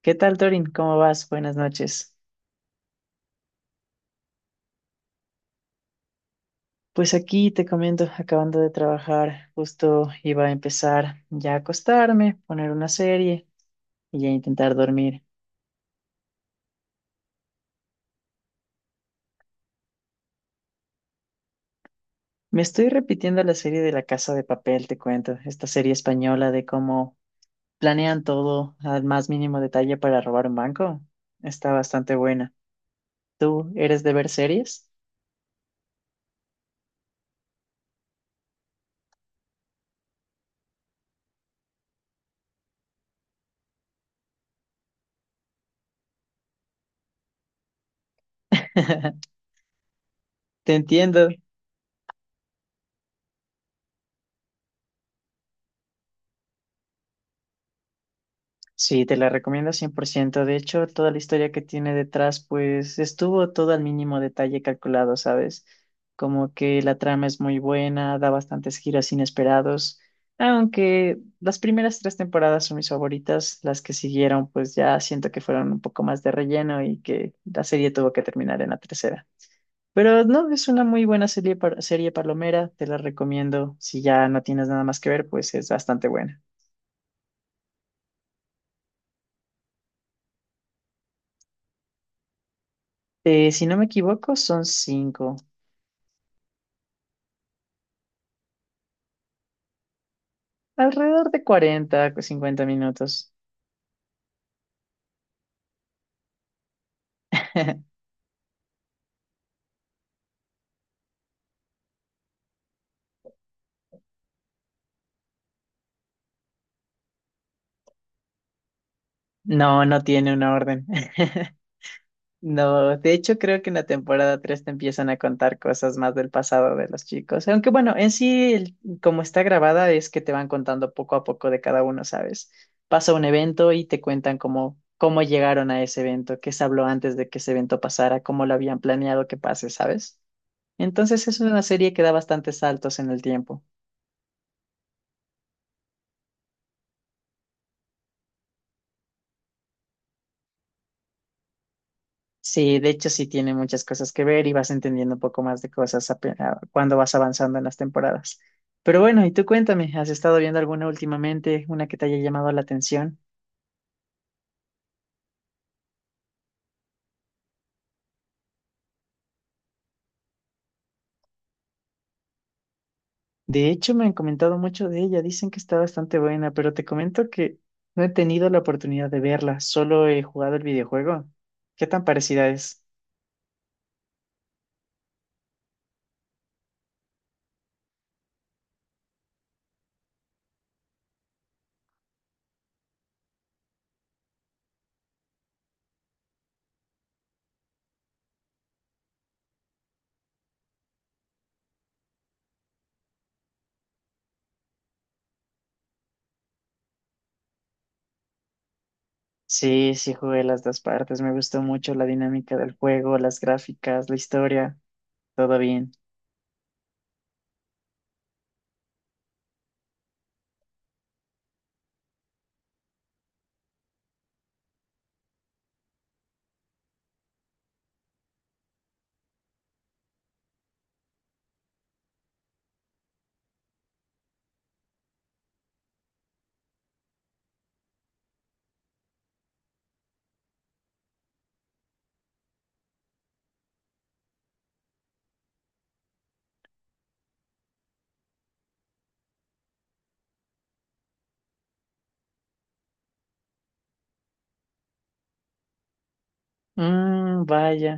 ¿Qué tal, Torin? ¿Cómo vas? Buenas noches. Pues aquí te comento, acabando de trabajar, justo iba a empezar ya a acostarme, poner una serie y ya intentar dormir. Me estoy repitiendo la serie de La Casa de Papel, te cuento, esta serie española de cómo planean todo al más mínimo detalle para robar un banco. Está bastante buena. ¿Tú eres de ver series? Te entiendo. Sí, te la recomiendo 100%. De hecho, toda la historia que tiene detrás, pues estuvo todo al mínimo detalle calculado, ¿sabes? Como que la trama es muy buena, da bastantes giros inesperados, aunque las primeras tres temporadas son mis favoritas, las que siguieron, pues ya siento que fueron un poco más de relleno y que la serie tuvo que terminar en la tercera. Pero no, es una muy buena serie, serie palomera, te la recomiendo. Si ya no tienes nada más que ver, pues es bastante buena. Si no me equivoco, son cinco. Alrededor de 40, 50 minutos. No, no tiene una orden. No, de hecho creo que en la temporada 3 te empiezan a contar cosas más del pasado de los chicos. Aunque bueno, en sí, como está grabada, es que te van contando poco a poco de cada uno, ¿sabes? Pasa un evento y te cuentan cómo llegaron a ese evento, qué se habló antes de que ese evento pasara, cómo lo habían planeado que pase, ¿sabes? Entonces es una serie que da bastantes saltos en el tiempo. Sí, de hecho sí tiene muchas cosas que ver y vas entendiendo un poco más de cosas cuando vas avanzando en las temporadas. Pero bueno, y tú cuéntame, ¿has estado viendo alguna últimamente, una que te haya llamado la atención? De hecho, me han comentado mucho de ella, dicen que está bastante buena, pero te comento que no he tenido la oportunidad de verla, solo he jugado el videojuego. ¿Qué tan parecida es? Sí, sí jugué las dos partes, me gustó mucho la dinámica del juego, las gráficas, la historia, todo bien. Mmm, vaya.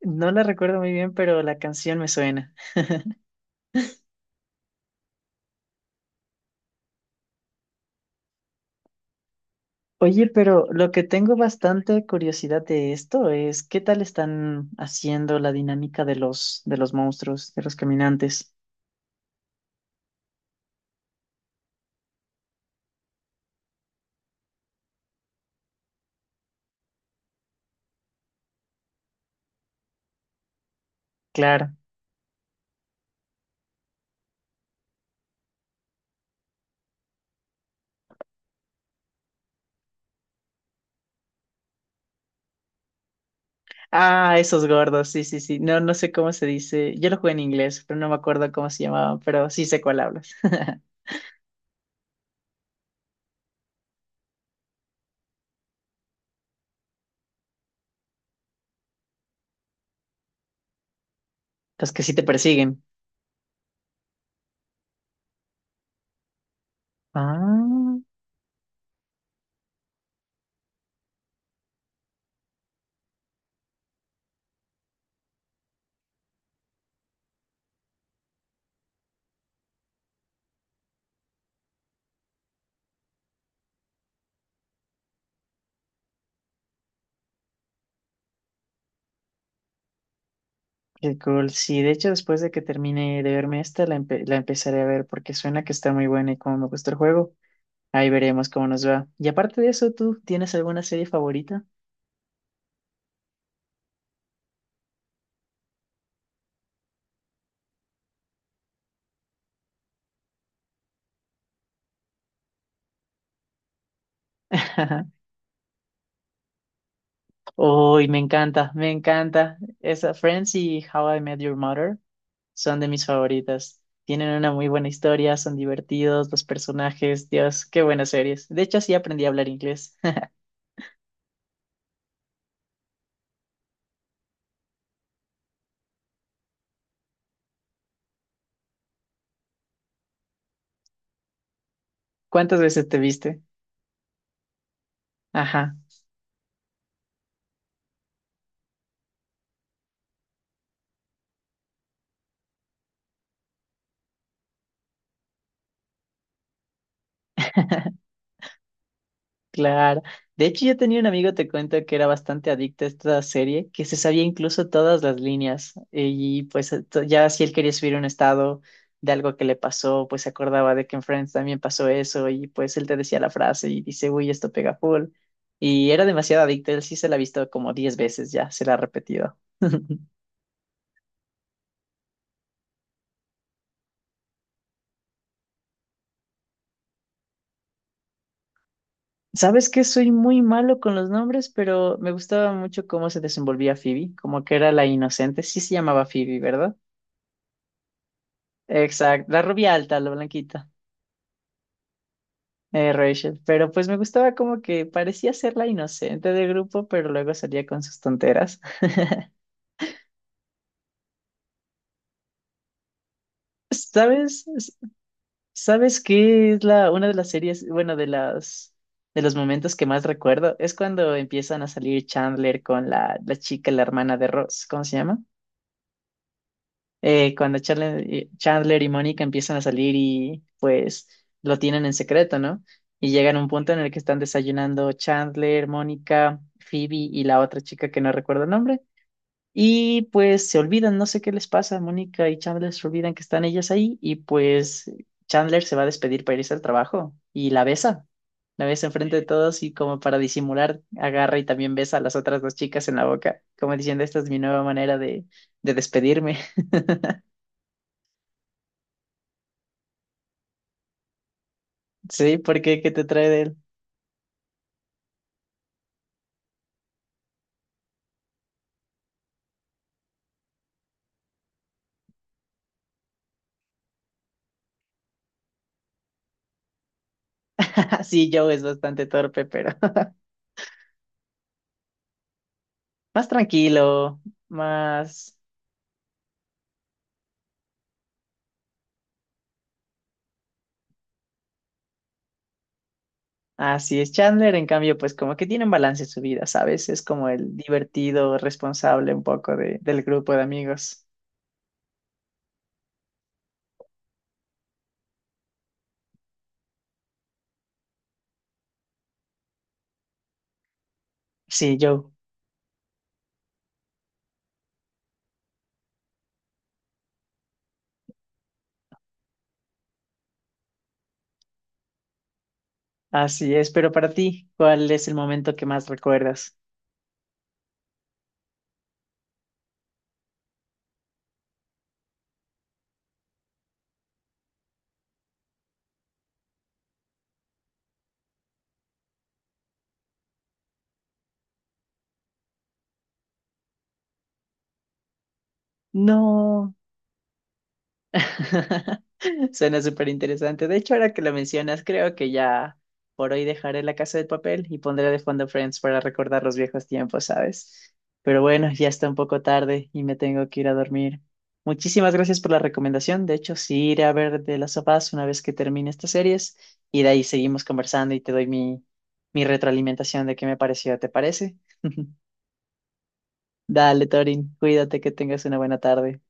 No la recuerdo muy bien, pero la canción me suena. Oye, pero lo que tengo bastante curiosidad de esto es qué tal están haciendo la dinámica de los monstruos, de los caminantes. Claro. Ah, esos gordos, sí, sí, sí. No, no sé cómo se dice. Yo lo jugué en inglés, pero no me acuerdo cómo se llamaban, pero sí sé cuál hablas. Los que sí te persiguen. Ah, qué cool. Sí, de hecho, después de que termine de verme esta, la empezaré a ver porque suena que está muy buena y como me gustó el juego. Ahí veremos cómo nos va. Y aparte de eso, ¿tú tienes alguna serie favorita? Uy, me encanta, me encanta. Esa Friends y How I Met Your Mother son de mis favoritas. Tienen una muy buena historia, son divertidos, los personajes, Dios, qué buenas series. De hecho, así aprendí a hablar inglés. ¿Cuántas veces te viste? Ajá. Claro. De hecho, yo tenía un amigo, te cuento, que era bastante adicto a esta serie, que se sabía incluso todas las líneas. Y pues ya si él quería subir un estado de algo que le pasó, pues se acordaba de que en Friends también pasó eso. Y pues él te decía la frase y dice, uy, esto pega full. Y era demasiado adicto. Él sí se la ha visto como 10 veces ya, se la ha repetido. Sabes que soy muy malo con los nombres, pero me gustaba mucho cómo se desenvolvía Phoebe, como que era la inocente. Sí se llamaba Phoebe, ¿verdad? Exacto, la rubia alta, la blanquita, Rachel. Pero pues me gustaba como que parecía ser la inocente del grupo, pero luego salía con sus tonteras. ¿Sabes? ¿Sabes qué es una de las series, bueno, de los momentos que más recuerdo? Es cuando empiezan a salir Chandler con la chica, la hermana de Ross, ¿cómo se llama? Cuando Chandler, y Chandler y Mónica empiezan a salir y pues lo tienen en secreto, ¿no? Y llegan a un punto en el que están desayunando Chandler, Mónica, Phoebe y la otra chica que no recuerdo el nombre. Y pues se olvidan, no sé qué les pasa, Mónica y Chandler se olvidan que están ellas ahí y pues Chandler se va a despedir para irse al trabajo y la besa. La besa enfrente de todos y como para disimular, agarra y también besa a las otras dos chicas en la boca, como diciendo, esta es mi nueva manera de despedirme. Sí, ¿por qué? ¿Qué te trae de él? Sí, Joe es bastante torpe, pero más tranquilo, más... Así es, Chandler, en cambio, pues como que tiene un balance en su vida, ¿sabes? Es como el divertido, responsable un poco de, del grupo de amigos. Sí, Joe, así es, pero para ti, ¿cuál es el momento que más recuerdas? No. Suena súper interesante. De hecho, ahora que lo mencionas, creo que ya por hoy dejaré La Casa de Papel y pondré de fondo Friends para recordar los viejos tiempos, ¿sabes? Pero bueno, ya está un poco tarde y me tengo que ir a dormir. Muchísimas gracias por la recomendación. De hecho, sí iré a ver de Las of Us una vez que termine estas series y de ahí seguimos conversando y te doy mi retroalimentación de qué me pareció. ¿Te parece? Dale, Torin, cuídate, que tengas una buena tarde.